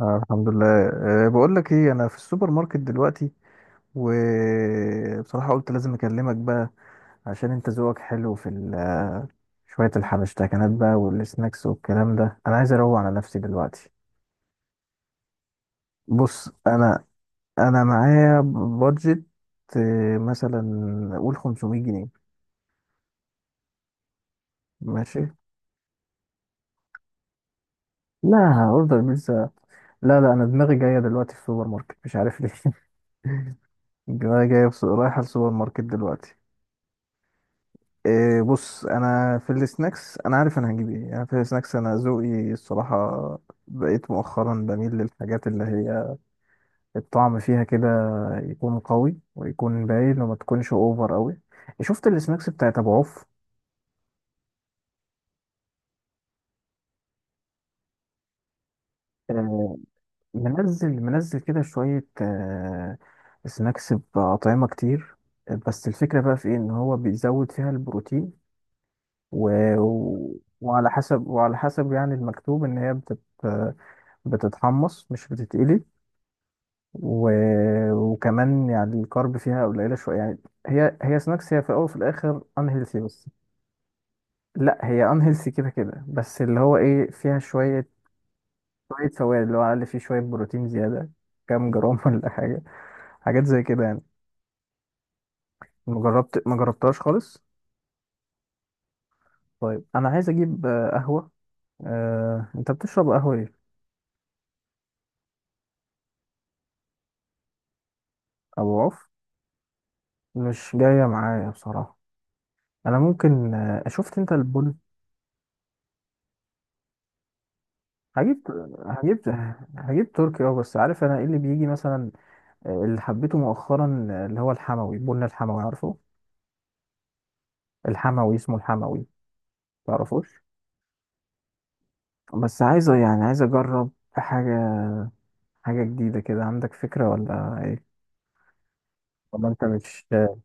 آه، الحمد لله. بقول لك ايه، انا في السوبر ماركت دلوقتي، وبصراحة قلت لازم اكلمك بقى. عشان انت ذوقك حلو في شوية الحبشتكنات بقى والسناكس والكلام ده. انا عايز اروق على نفسي دلوقتي. بص، انا معايا بادجت، مثلا قول 500 جنيه. ماشي. لا، اوردر بيتزا. لا لا، انا دماغي جاية دلوقتي في السوبر ماركت، مش عارف ليه. دماغي جاية رايحة السوبر ماركت دلوقتي. إيه، بص، انا في السناكس. انا عارف انا هجيب ايه يعني. في السناكس، انا ذوقي الصراحه بقيت مؤخرا بميل للحاجات اللي هي الطعم فيها كده يكون قوي ويكون باين وما تكونش اوفر قوي. شفت السناكس بتاعت ابو عوف؟ آه، منزل منزل كده شويه، سناكس باطعمه كتير. بس الفكره بقى في ايه؟ ان هو بيزود فيها البروتين، و... وعلى حسب يعني المكتوب ان هي بتتحمص مش بتتقلي، و... وكمان يعني الكارب فيها قليله شويه يعني. هي سناكس، هي في الاول وفي الاخر انهيلثي بس. لا، هي انهيلثي كده كده، بس اللي هو ايه فيها شويه، شويه فوائد، اللي هو على الاقل فيه شويه بروتين زياده، كام جرام ولا حاجه، حاجات زي كده يعني. ما جربتهاش خالص. طيب، انا عايز اجيب قهوه. انت بتشرب قهوه ايه؟ ابو عوف مش جايه معايا بصراحه. انا ممكن، شفت انت البن؟ هجيب هجيب هجيب تركي، اه بس عارف انا ايه اللي بيجي مثلا؟ اللي حبيته مؤخرا اللي هو الحموي، بن الحموي، عارفه؟ الحموي، اسمه الحموي، تعرفوش؟ بس يعني عايز اجرب حاجه، حاجه جديده كده. عندك فكره ولا ايه؟ ولا انت مش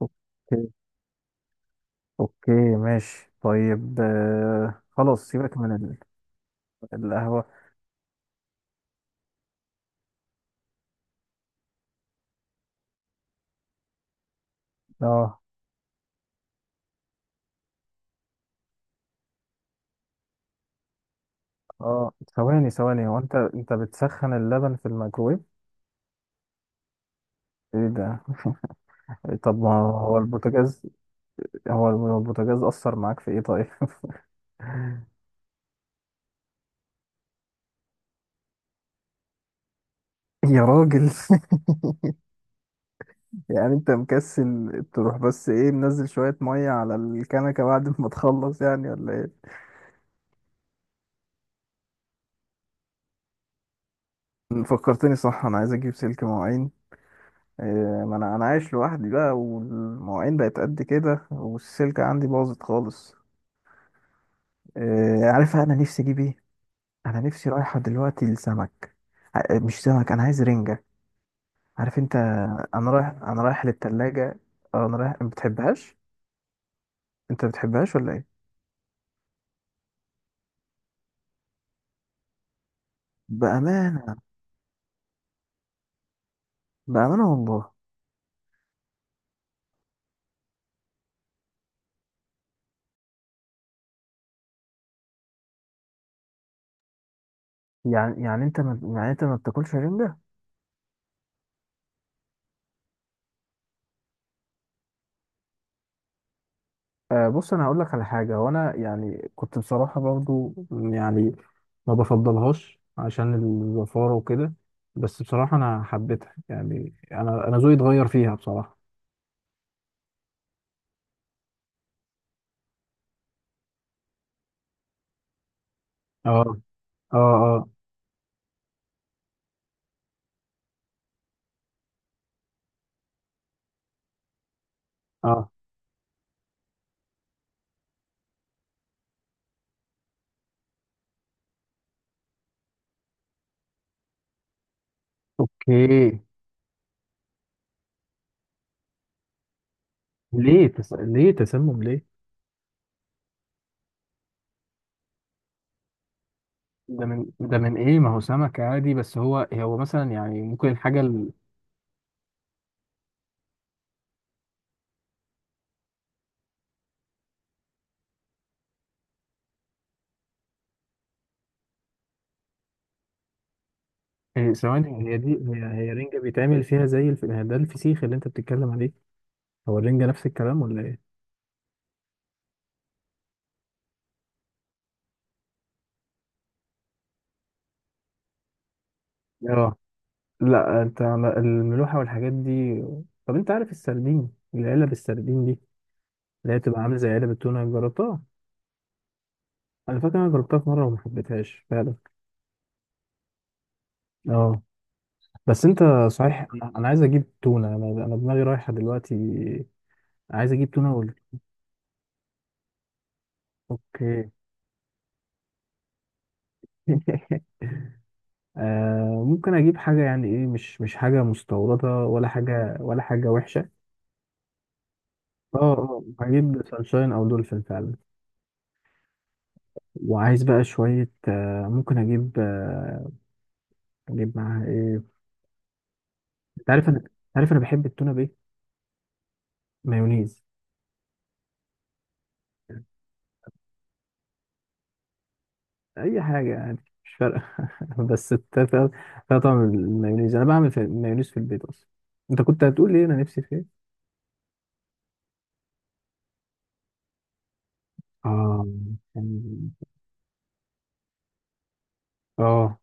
اوكي. اوكي، ماشي، طيب، خلاص، سيبك من القهوه. اه، اه، ثواني ثواني. هو انت بتسخن اللبن في الميكرويف؟ ايه ده! طب ما هو البوتاجاز! هو البوتاجاز أثر معاك في إيه طيب؟ يا راجل! يعني أنت مكسل تروح بس، إيه، منزل شوية مية على الكنكة بعد ما تخلص، يعني، ولا إيه؟ فكرتني صح. أنا عايز أجيب سلك مواعين. إيه، ما أنا عايش لوحدي بقى، والمواعين بقت قد كده، والسلكة عندي باظت خالص. إيه، عارف أنا نفسي أجيب إيه؟ أنا نفسي رايحة دلوقتي لسمك. مش سمك، أنا عايز رنجة، عارف أنت؟ أنا رايح للتلاجة. أنا رايح. ما بتحبهاش؟ أنت ما بتحبهاش ولا إيه؟ بأمانة، بأمانة والله. يعني انت ما بتاكلش رنجة؟ آه، بص، انا هقول لك على حاجة، وانا يعني كنت بصراحة برضو يعني، ما بفضلهاش عشان الزفارة وكده. بس بصراحة انا حبيتها يعني. انا ذوقي اتغير فيها بصراحة. اه، اه، اه، اه. اوكي. ليه ليه تسمم ليه؟ ده من ايه؟ ما هو سمك عادي. بس هو مثلا يعني ممكن الحاجة. هي ثواني، هي دي. هي رنجة بيتعمل فيها زي ده، الفسيخ اللي انت بتتكلم عليه. هو الرنجة نفس الكلام ولا ايه؟ اه، لا، انت على الملوحة والحاجات دي. طب انت عارف السردين، العلب السردين دي اللي هي بتبقى عاملة زي علب التونة، جربتها؟ انا فاكر انا جربتها في مرة وما حبيتهاش فعلا. اه. بس انت، صحيح، انا عايز اجيب تونة. انا دماغي رايحة دلوقتي، عايز اجيب تونة اوكي. ممكن اجيب حاجة يعني ايه، مش حاجة مستوردة ولا حاجة، ولا حاجة وحشة. اه، اه، هجيب سانشاين او دولفين فعلا. وعايز بقى شوية، ممكن اجيب، اجيب معاها ايه؟ انت عارف انا أنت عارف انا بحب التونة بايه؟ مايونيز. اي حاجة يعني، مش فارقة. بس فيها طعم المايونيز. انا بعمل في مايونيز في البيت اصلا. انت كنت هتقول لي إيه؟ انا نفسي في ايه؟ اه، كان- اه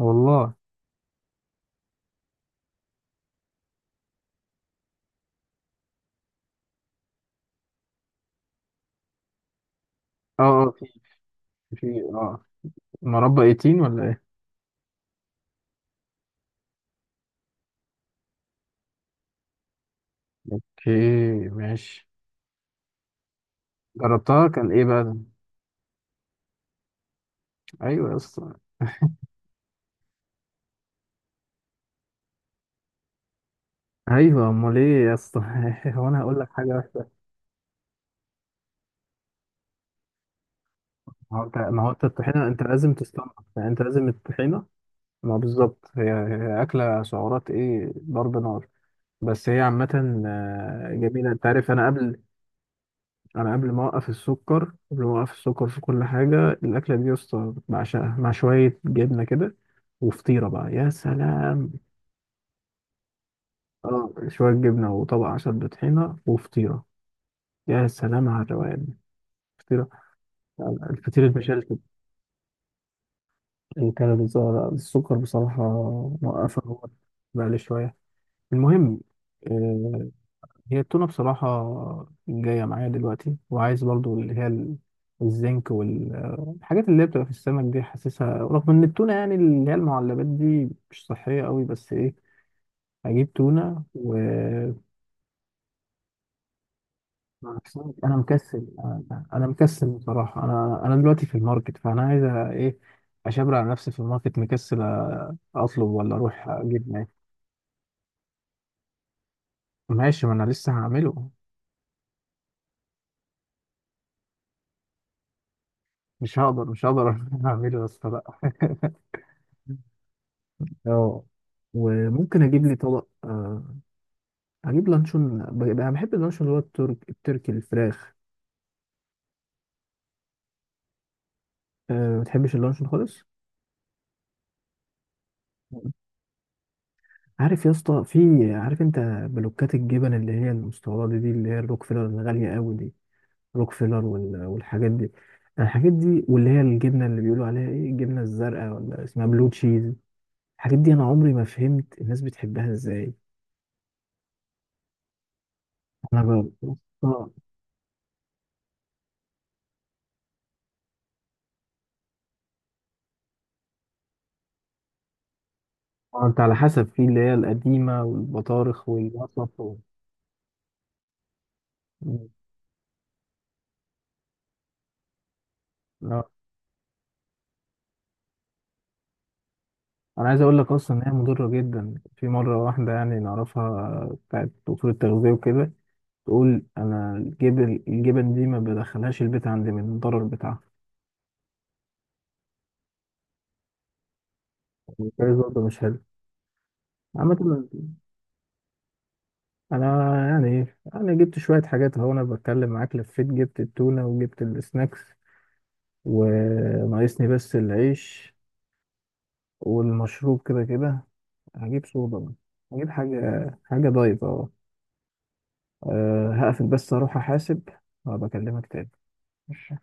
والله. اه، اه، في اه مربى 18، ولا ايه؟ اوكي، ماشي. جربتها؟ كان ايه بقى ده؟ ايوه يا اسطى. ايوه، امال ايه يا اسطى! هو انا هقول لك حاجه وحشه. ما هو انت الطحينه انت لازم تستنضف يعني، انت لازم الطحينه. ما بالظبط. هي اكله سعرات ايه، ضرب نار. بس هي عامه جميله. انت عارف، انا قبل ما اوقف السكر، في كل حاجه، الاكله دي يا اسطى بعشقها، مع شويه جبنه كده وفطيره بقى، يا سلام. اه، شويه جبنه وطبق عسل بطحينه وفطيره، يا سلام على الروقان. فطيره الفطير المشلتت. الكالوريز، السكر بصراحة موقفة، هو بقالي شوية. المهم، آه، هي التونة بصراحة جاية معايا دلوقتي، وعايز برضو اللي هي الزنك والحاجات اللي هي بتبقى في السمك دي حاسسها، رغم ان التونة يعني اللي هي المعلبات دي مش صحية قوي، بس ايه، هجيب تونة مع السمك. انا مكسل انا أنا مكسل بصراحة. انا دلوقتي في الماركت، فانا عايز، ايه، اشبر على نفسي في الماركت، مكسل، اطلب ولا اروح اجيب؟ ماشي، ما انا لسه هعمله. مش هقدر، مش هقدر اعمله يا اسطى. لا. اه، وممكن اجيب لي طبق اجيب لانشون. انا بحب اللانشون اللي هو التركي، الفراخ. أه ما بتحبش اللانشون خالص؟ عارف يا اسطى في عارف انت، بلوكات الجبن اللي هي المستورده دي، اللي هي الروكفيلر الغاليه قوي دي. روكفيلر والحاجات دي، الحاجات دي، واللي هي الجبنه اللي بيقولوا عليها ايه، الجبنه الزرقاء ولا اسمها بلو تشيز، الحاجات دي انا عمري ما فهمت الناس بتحبها ازاي. انا ب... ما انت على حسب، في اللي هي القديمة والبطارخ والقصب مم. لا، انا عايز اقول لك اصلا ان هي مضرة جدا. في مرة واحدة يعني نعرفها بتاعت دكتور التغذية وكده، تقول انا، الجبن دي ما بدخلهاش البيت عندي من الضرر بتاعها. الجهاز برضه مش حلو عامة. انا يعني إيه، انا جبت شوية حاجات اهو، انا بتكلم معاك لفيت، جبت التونة وجبت السناكس، وناقصني بس العيش. والمشروب كده كده. هجيب صودا بقى. هجيب حاجة دايت، اه. هقفل بس اروح احاسب، وابقى اكلمك تاني. ماشي.